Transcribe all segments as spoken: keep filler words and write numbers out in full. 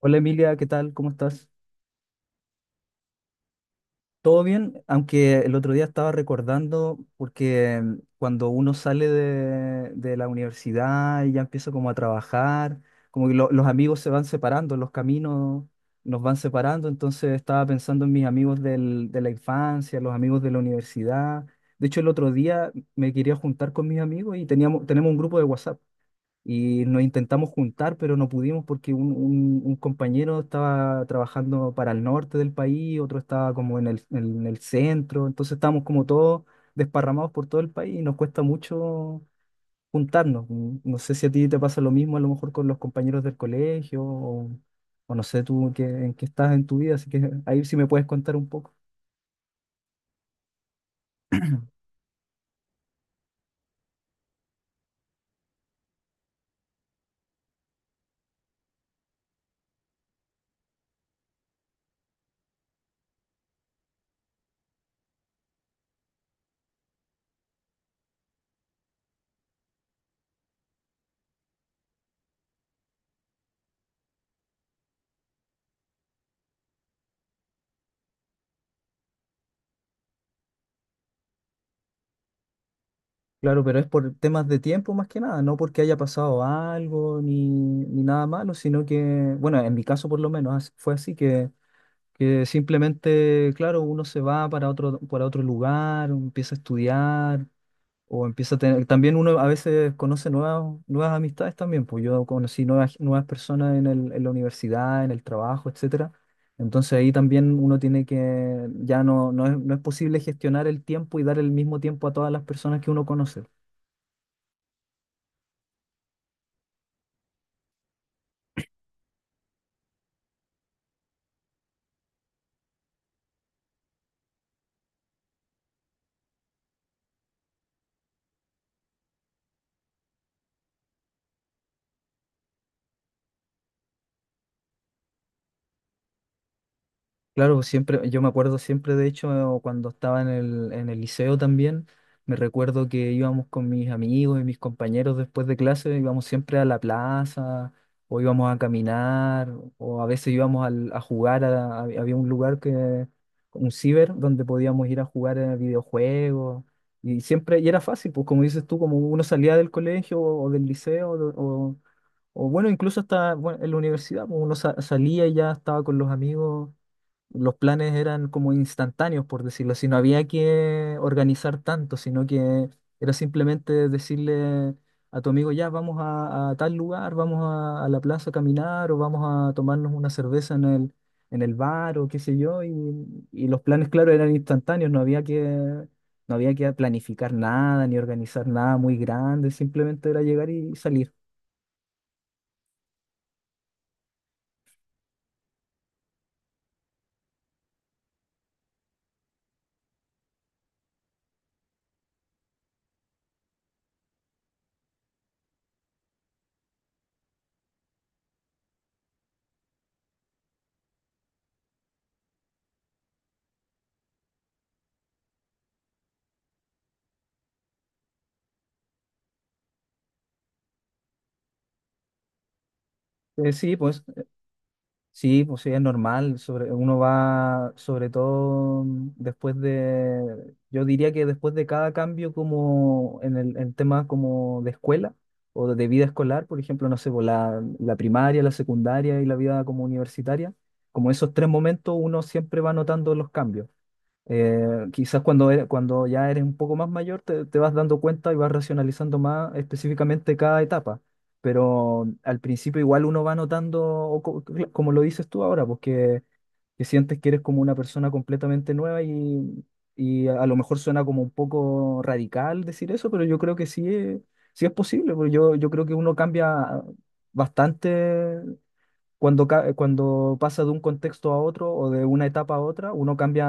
Hola Emilia, ¿qué tal? ¿Cómo estás? ¿Todo bien? Aunque el otro día estaba recordando, porque mm, cuando uno sale de, de la universidad y ya empieza como a trabajar, como que lo- los amigos se van separando, los caminos nos van separando. Entonces estaba pensando en mis amigos del- de la infancia, los amigos de la universidad. De hecho, el otro día me quería juntar con mis amigos y teníamos, tenemos un grupo de WhatsApp. Y nos intentamos juntar, pero no pudimos porque un, un- un compañero estaba trabajando para el norte del país, otro estaba como en el, en el centro. Entonces estábamos como todos desparramados por todo el país y nos cuesta mucho juntarnos. Mm, No sé si a ti te pasa lo mismo, a lo mejor con los compañeros del colegio, o, o no sé tú en qué, en qué estás en tu vida, así que ahí sí me puedes contar un poco. Claro, pero es por temas de tiempo más que nada, no porque haya pasado algo ni, ni nada malo, sino que, bueno, en mi caso por lo menos as- fue así que, que simplemente, claro, uno se va para otro, para otro lugar, empieza a estudiar o empieza a tener, también uno a veces conoce nuevas, nuevas amistades también, pues yo conocí nuevas, nuevas personas en el- en la universidad, en el trabajo, etcétera. Entonces ahí también uno tiene que, ya no, no es, no es posible gestionar el tiempo y dar el mismo tiempo a todas las personas que uno conoce. Claro, siempre, yo me acuerdo siempre, de hecho, cuando estaba en el, en el liceo también, me recuerdo que íbamos con mis amigos y mis compañeros después de clase, íbamos siempre a la plaza, o íbamos a caminar, o a veces íbamos al- a jugar, a- a- había un lugar que, un ciber, donde podíamos ir a jugar eh, videojuegos, y siempre, y era fácil, pues como dices tú, como uno salía del colegio o del liceo, o, o- o bueno, incluso hasta, bueno, en la universidad, pues, uno sa- salía y ya estaba con los amigos. Los planes eran como instantáneos, por decirlo así, no había que organizar tanto, sino que era simplemente decirle a tu amigo, ya, vamos a, a tal lugar, vamos a, a la plaza a caminar, o vamos a tomarnos una cerveza en el, en el bar o qué sé yo, y, y los planes, claro, eran instantáneos, no había que, no había que planificar nada ni organizar nada muy grande, simplemente era llegar y salir. Eh, sí, pues sí, pues sí, es normal. Sobre, uno va, sobre todo mm, después de, yo diría que después de cada cambio como en el, en tema como de escuela o de vida escolar, por ejemplo, no sé, pues, la, la primaria, la secundaria y la vida como universitaria, como esos tres momentos uno siempre va notando los cambios. Eh, quizás cuando, eres- cuando ya eres un poco más mayor te, te vas dando cuenta y vas racionalizando más específicamente cada etapa. Pero al principio igual uno va notando, o co- cl- como lo dices tú ahora, pues que, que sientes que eres como una persona completamente nueva y, y a, a lo mejor suena como un poco radical decir eso, pero yo creo que sí es, sí es posible, porque yo, yo creo que uno cambia bastante cuando, ca- cuando pasa de un contexto a otro o de una etapa a otra, uno cambia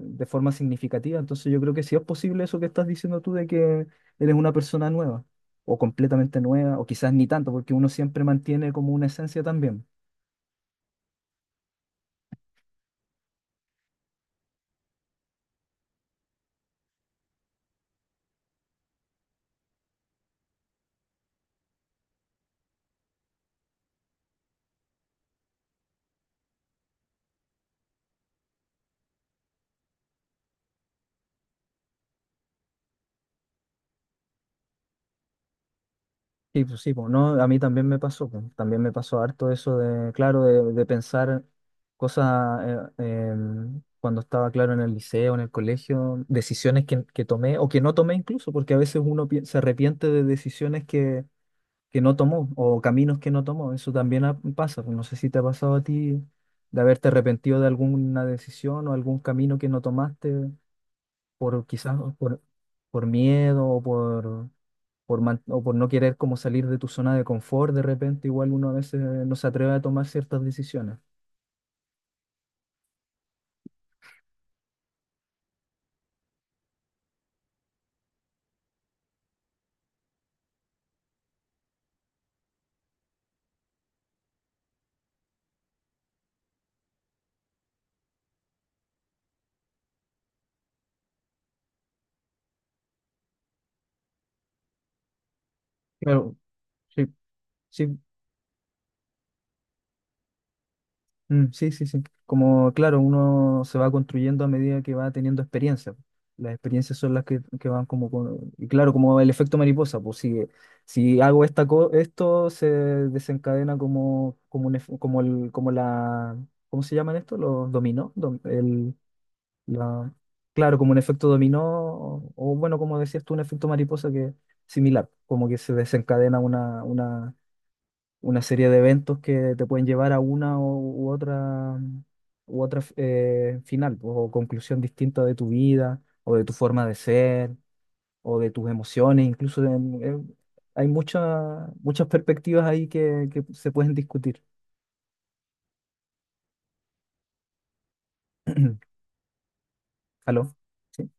de forma significativa. Entonces yo creo que sí es posible eso que estás diciendo tú, de que eres una persona nueva o completamente nueva o quizás ni tanto, porque uno siempre mantiene como una esencia también. Sí, pues sí, pues no, a mí también me pasó, pues, también me pasó harto eso de, claro, de, de pensar cosas eh, em, cuando estaba, claro, en el liceo, en el colegio, decisiones que, que tomé o que no tomé incluso, porque a veces uno pi- se arrepiente de decisiones que que no tomó o caminos que no tomó. Eso también ha- pasa, pues. No sé si te ha pasado a ti de haberte arrepentido de alguna decisión o algún camino que no tomaste por quizás por, por miedo o por, por, man- o por no querer como salir de tu zona de confort. De repente igual uno a veces no se atreve a tomar ciertas decisiones. Claro, sí, sí. Mm, sí, sí, sí. Como, claro, uno se va construyendo a medida que va teniendo experiencia. Las experiencias son las que, que van como con- y claro, como el efecto mariposa, pues si, si hago esta co- esto, se desencadena como, como, un, ef- como, el, como la... ¿Cómo se llaman esto? Los dominó. dom- el, la, claro, como un efecto dominó, o, o bueno, como decías tú, un efecto mariposa que similar, como que se desencadena una serie de eventos que te pueden llevar a una u, u otra, u otra eh, final pues, o conclusión distinta de tu vida o de tu forma de ser o de tus emociones. Incluso en- en- hay muchas muchas perspectivas ahí que, que se pueden discutir. ¿Aló? Sí,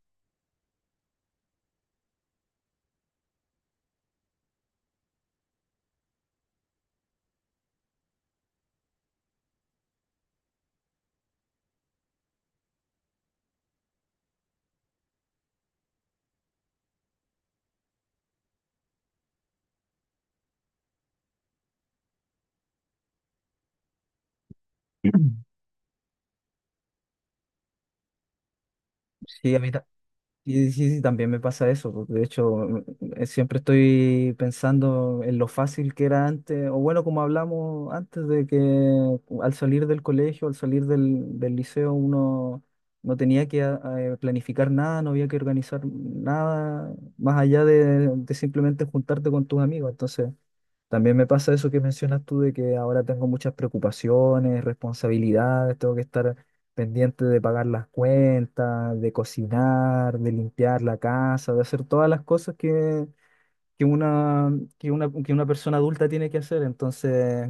sí, a mí sí, sí, sí, también me pasa eso porque de hecho, eh, siempre estoy pensando en lo fácil que era antes, o bueno, como hablamos antes de que al salir del colegio, al salir del, del liceo, uno no tenía que ah, eh, planificar nada, no había que organizar nada más allá de, de simplemente juntarte con tus amigos. Entonces, también me pasa eso que mencionas tú de que ahora tengo muchas preocupaciones, responsabilidades, tengo que estar pendiente de pagar las cuentas, de cocinar, de limpiar la casa, de hacer todas las cosas que, que una, que una, que una persona adulta tiene que hacer. Entonces,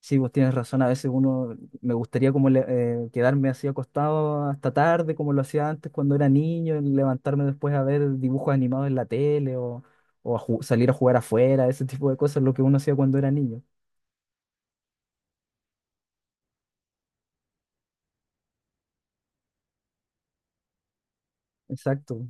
sí, vos tienes razón, a veces uno me gustaría como le- eh, quedarme así acostado hasta tarde, como lo hacía antes cuando era niño, y levantarme después a ver dibujos animados en la tele, o, o a ju- salir a jugar afuera, ese tipo de cosas, lo que uno hacía cuando era niño. Exacto.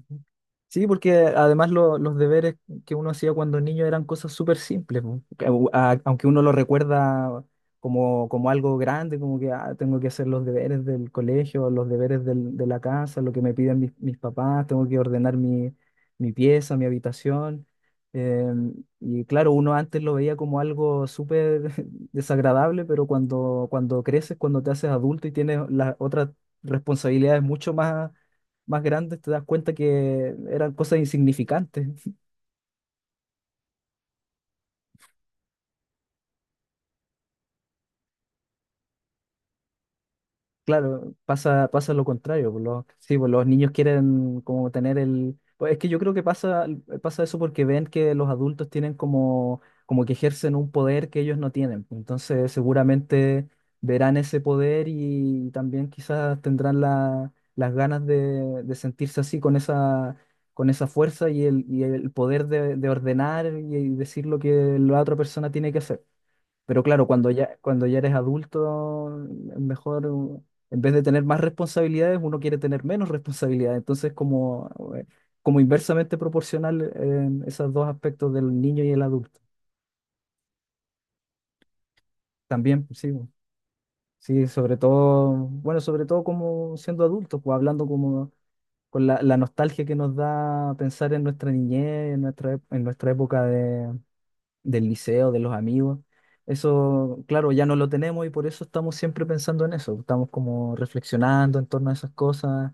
Sí, porque además lo- los deberes que uno hacía cuando niño eran cosas súper simples, po. Au- a- aunque uno lo recuerda como, como algo grande, como que "Ah, tengo que hacer los deberes del colegio, los deberes del- de la casa, lo que me piden mis, mis papás, tengo que ordenar mi, mi pieza, mi habitación". Eh, y claro, uno antes lo veía como algo súper desagradable, pero cuando, cuando creces, cuando te haces adulto y tienes las otras responsabilidades mucho más más grandes, te das cuenta que eran cosas insignificantes. Claro, pasa, pasa lo contrario, pues. Los, sí, pues los niños quieren como tener el... Pues es que yo creo que pasa, pasa eso porque ven que los adultos tienen como, como que ejercen un poder que ellos no tienen, pues. Entonces seguramente verán ese poder y también quizás tendrán la- las ganas de, de sentirse así con esa, con esa fuerza y el, y el poder de, de ordenar y decir lo que la otra persona tiene que hacer. Pero claro, cuando ya, cuando ya eres adulto, es mejor, uh, en vez de tener más responsabilidades, uno quiere tener menos responsabilidades. Entonces, como, eh, como inversamente proporcional, eh, esos dos aspectos del niño y el adulto. También, pues, sí, bo, sí, sobre todo, bueno, sobre todo como siendo adultos, pues hablando como con la, la nostalgia que nos da pensar en nuestra niñez, en nuestra, ep- en nuestra época de del liceo, de los amigos. Eso, claro, ya no lo tenemos y por eso estamos siempre pensando en eso. Estamos como reflexionando en torno a esas cosas,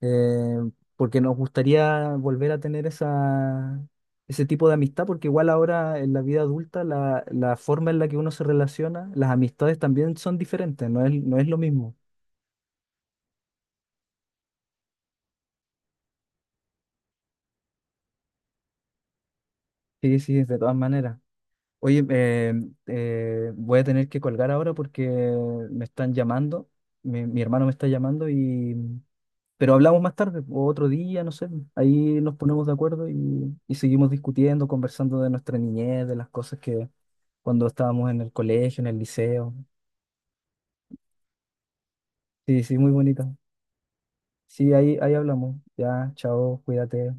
eh, porque nos gustaría volver a tener esa, ese tipo de amistad, porque igual ahora en la vida adulta la, la forma en la que uno se relaciona, las amistades también son diferentes, no es, no es lo mismo. Sí, sí, de todas maneras. Oye, eh, eh, voy a tener que colgar ahora porque me están llamando, mi mi hermano me está llamando y... Pero hablamos más tarde, o otro día, no sé. Ahí nos ponemos de acuerdo y, y seguimos discutiendo, conversando de nuestra niñez, de las cosas que cuando estábamos en el colegio, en el liceo. Sí, sí, muy bonita. Sí, ahí, ahí hablamos. Ya, chao, cuídate.